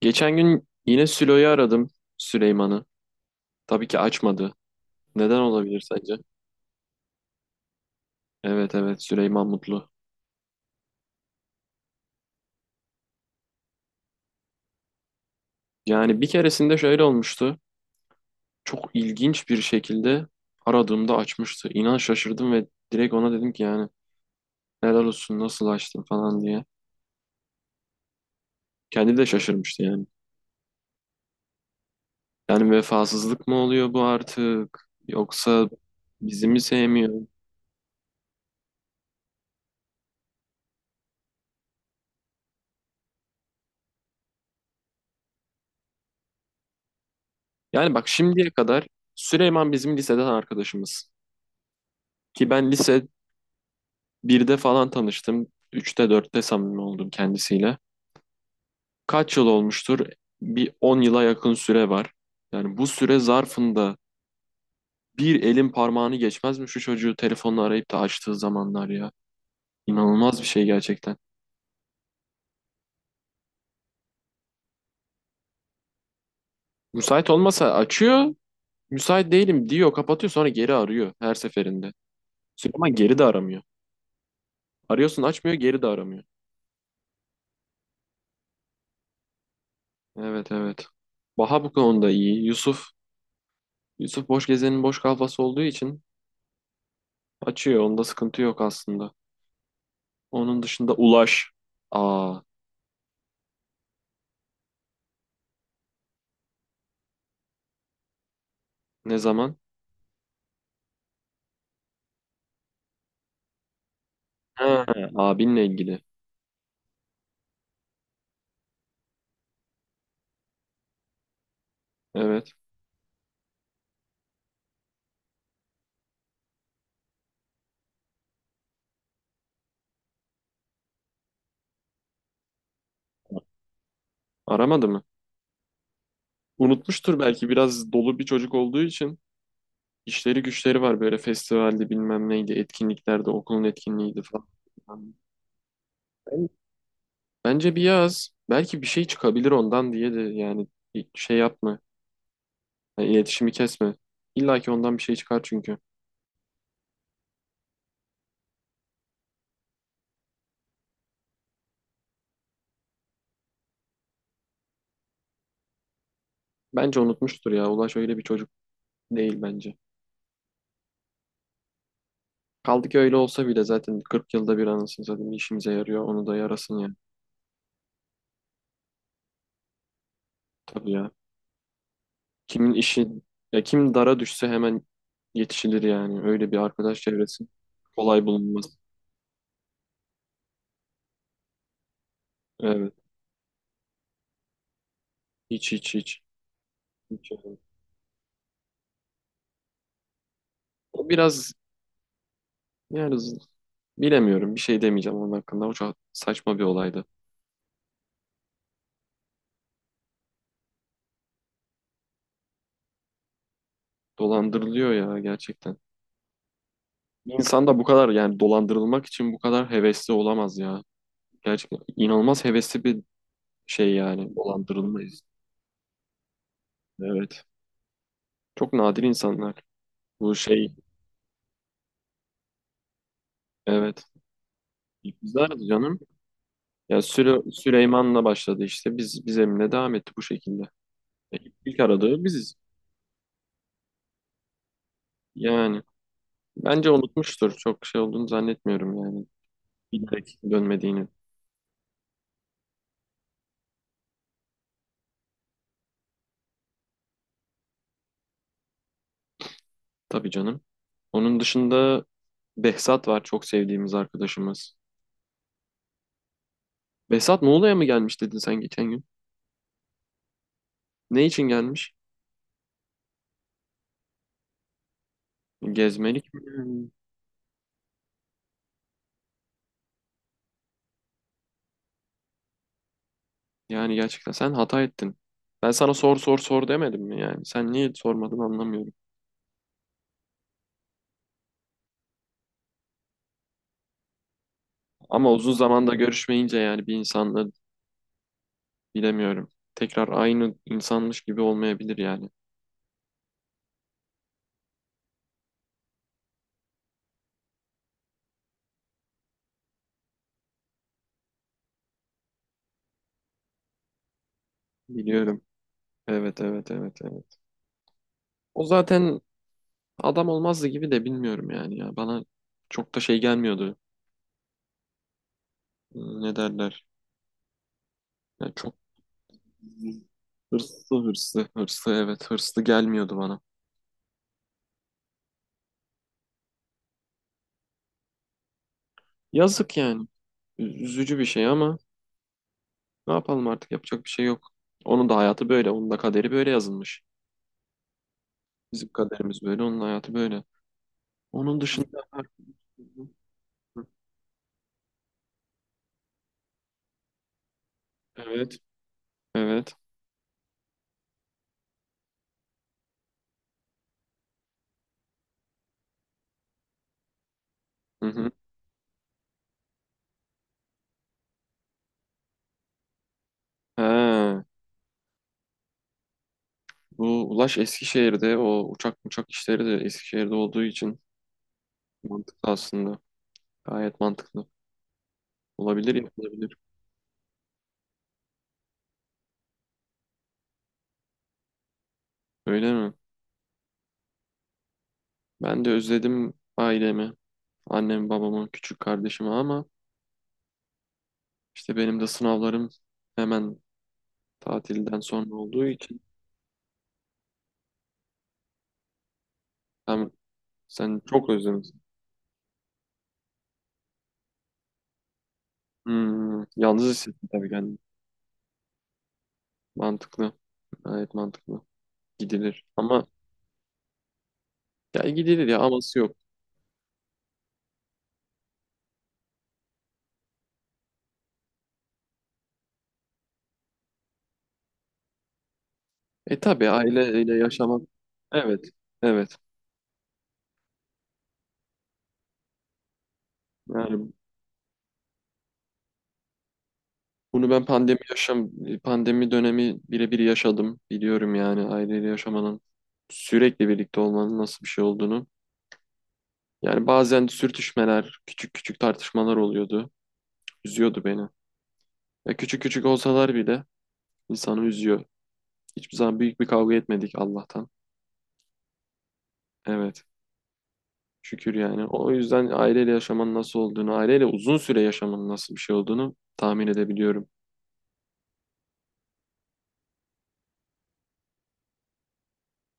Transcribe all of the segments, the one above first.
Geçen gün yine Sülo'yu aradım Süleyman'ı. Tabii ki açmadı. Neden olabilir sence? Evet, evet, Süleyman Mutlu. Yani bir keresinde şöyle olmuştu. Çok ilginç bir şekilde aradığımda açmıştı. İnan şaşırdım ve direkt ona dedim ki yani helal olsun nasıl açtın falan diye. Kendi de şaşırmıştı yani. Yani vefasızlık mı oluyor bu artık? Yoksa bizi mi sevmiyor? Yani bak şimdiye kadar Süleyman bizim liseden arkadaşımız. Ki ben lise birde falan tanıştım. Üçte dörtte samimi oldum kendisiyle. Kaç yıl olmuştur? Bir 10 yıla yakın süre var. Yani bu süre zarfında bir elin parmağını geçmez mi şu çocuğu telefonla arayıp da açtığı zamanlar ya? İnanılmaz bir şey gerçekten. Müsait olmasa açıyor, müsait değilim diyor, kapatıyor sonra geri arıyor her seferinde. Süleyman geri de aramıyor. Arıyorsun açmıyor, geri de aramıyor. Evet, evet. Baha bu konuda iyi. Yusuf boş gezenin boş kafası olduğu için açıyor. Onda sıkıntı yok aslında. Onun dışında Ulaş. Aa, ne zaman? Ha, abinle ilgili. Evet. Aramadı mı? Unutmuştur belki biraz dolu bir çocuk olduğu için. İşleri güçleri var böyle festivalde bilmem neydi, etkinliklerde, okulun etkinliğiydi falan. Ben- Bence bir yaz. Belki bir şey çıkabilir ondan diye de yani şey yapma. Yani iletişimi kesme. İlla ki ondan bir şey çıkar çünkü. Bence unutmuştur ya. Ulaş öyle bir çocuk değil bence. Kaldı ki öyle olsa bile zaten 40 yılda bir anasını satayım işimize yarıyor. Onu da yarasın. Tabii ya. Kimin işi ya kim dara düşse hemen yetişilir yani. Öyle bir arkadaş çevresi kolay bulunmaz. Evet. Hiç, hiç, hiç. Hiç yani. O biraz yani bilemiyorum. Bir şey demeyeceğim onun hakkında. O çok saçma bir olaydı. Dolandırılıyor ya gerçekten. İnsan da bu kadar yani dolandırılmak için bu kadar hevesli olamaz ya. Gerçekten inanılmaz hevesli bir şey yani dolandırılmayız. Evet. Çok nadir insanlar. Bu şey evet. İkizler canım. Ya Süleyman'la başladı işte. Biz Emine devam etti bu şekilde. E, İlk aradığı biziz. Yani bence unutmuştur. Çok şey olduğunu zannetmiyorum yani. Bilerek dönmediğini. Tabii canım. Onun dışında Behzat var çok sevdiğimiz arkadaşımız. Behzat Muğla'ya mı gelmiş dedin sen geçen gün? Ne için gelmiş? Gezmelik mi? Yani gerçekten sen hata ettin. Ben sana sor sor sor demedim mi yani? Sen niye sormadın anlamıyorum. Ama uzun zamanda görüşmeyince yani bir insanla, bilemiyorum. Tekrar aynı insanmış gibi olmayabilir yani. Biliyorum. Evet, evet, evet, evet. O zaten adam olmazdı gibi de bilmiyorum yani ya. Bana çok da şey gelmiyordu. Ne derler? Yani çok hırslı, hırslı, hırslı, evet, hırslı gelmiyordu bana. Yazık yani. Üzücü bir şey ama ne yapalım artık yapacak bir şey yok. Onun da hayatı böyle. Onun da kaderi böyle yazılmış. Bizim kaderimiz böyle. Onun hayatı böyle. Onun dışında. Evet. Evet. Hı hı. Ha. Bu Ulaş Eskişehir'de o uçak işleri de Eskişehir'de olduğu için mantıklı aslında. Gayet mantıklı. Olabilir yapılabilir. Öyle mi? Ben de özledim ailemi, annemi, babamı, küçük kardeşimi ama işte benim de sınavlarım hemen tatilden sonra olduğu için hem sen çok özlemişsin. Yalnız hissettim tabii kendimi. Mantıklı. Gayet mantıklı. Gidilir. Ama ya gidilir ya aması yok. E tabii aileyle yaşamak. Evet. Evet. Yani bunu ben pandemi dönemi birebir yaşadım. Biliyorum yani aileyle yaşamanın sürekli birlikte olmanın nasıl bir şey olduğunu. Yani bazen sürtüşmeler, küçük küçük tartışmalar oluyordu. Üzüyordu beni. Ya küçük küçük olsalar bile insanı üzüyor. Hiçbir zaman büyük bir kavga etmedik Allah'tan. Evet. Şükür yani. O yüzden aileyle yaşamanın nasıl olduğunu, aileyle uzun süre yaşamanın nasıl bir şey olduğunu tahmin edebiliyorum.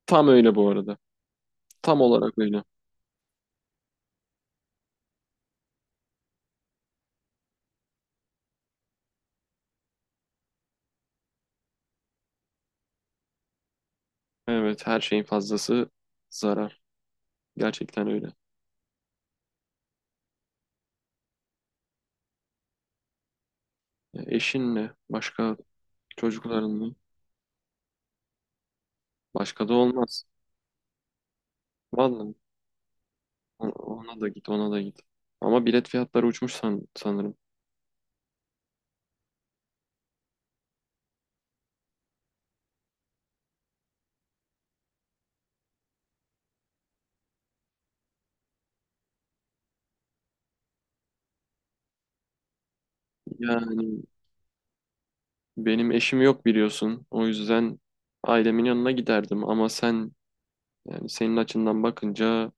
Tam öyle bu arada. Tam olarak öyle. Evet, her şeyin fazlası zarar. Gerçekten öyle. Ya eşinle, başka çocuklarınla, başka da olmaz. Vallahi o- ona da git, ona da git. Ama bilet fiyatları uçmuş sanırım. Yani benim eşim yok biliyorsun. O yüzden ailemin yanına giderdim ama sen yani senin açından bakınca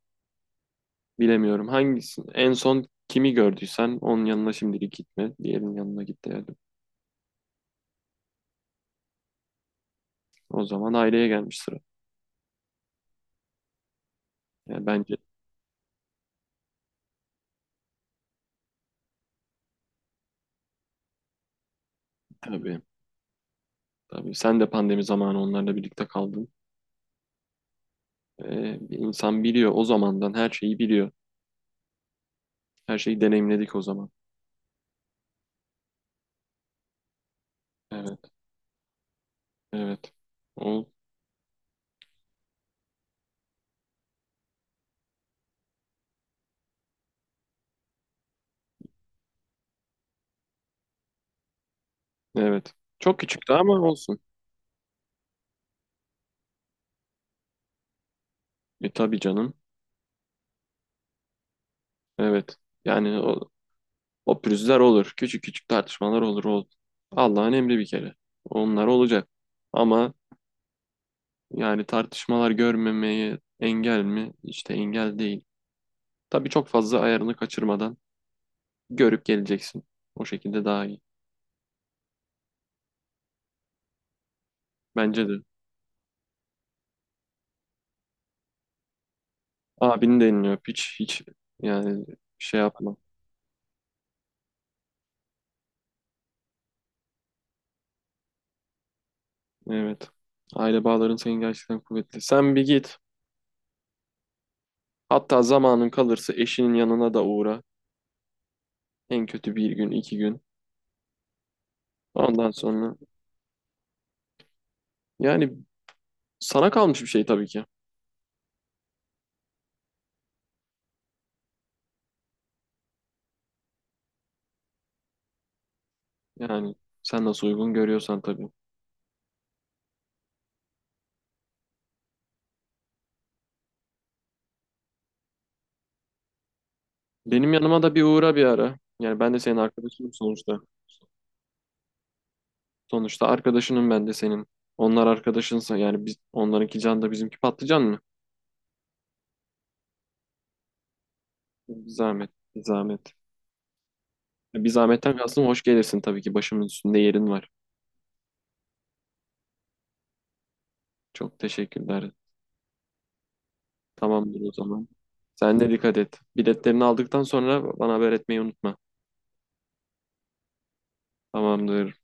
bilemiyorum. Hangisi en son kimi gördüysen onun yanına şimdilik gitme. Diğerinin yanına git derdim. O zaman aileye gelmiş sıra. Yani bence tabii, tabii, sen de pandemi zamanı onlarla birlikte kaldın. Bir insan biliyor o zamandan her şeyi biliyor. Her şeyi deneyimledik o zaman. Evet, evet. O, evet. Çok küçüktü ama olsun. E tabii canım. Evet. Yani o pürüzler olur. Küçük küçük tartışmalar olur. O, Allah'ın emri bir kere. Onlar olacak. Ama yani tartışmalar görmemeye engel mi? İşte engel değil. Tabii çok fazla ayarını kaçırmadan görüp geleceksin. O şekilde daha iyi. Bence de. Abini de elini öp. Hiç, hiç yani şey yapma. Evet. Aile bağların senin gerçekten kuvvetli. Sen bir git. Hatta zamanın kalırsa eşinin yanına da uğra. En kötü bir gün, 2 gün. Ondan sonra yani sana kalmış bir şey tabii ki. Yani sen nasıl uygun görüyorsan tabii. Benim yanıma da bir uğra bir ara. Yani ben de senin arkadaşınım sonuçta. Sonuçta arkadaşınım ben de senin. Onlar arkadaşınsa yani biz onlarınki can da bizimki patlıcan mı? Bir zahmet, bir zahmet. Bir zahmetten kastım hoş gelirsin tabii ki. Başımın üstünde yerin var. Çok teşekkürler. Tamamdır o zaman. Sen de dikkat et. Biletlerini aldıktan sonra bana haber etmeyi unutma. Tamamdır.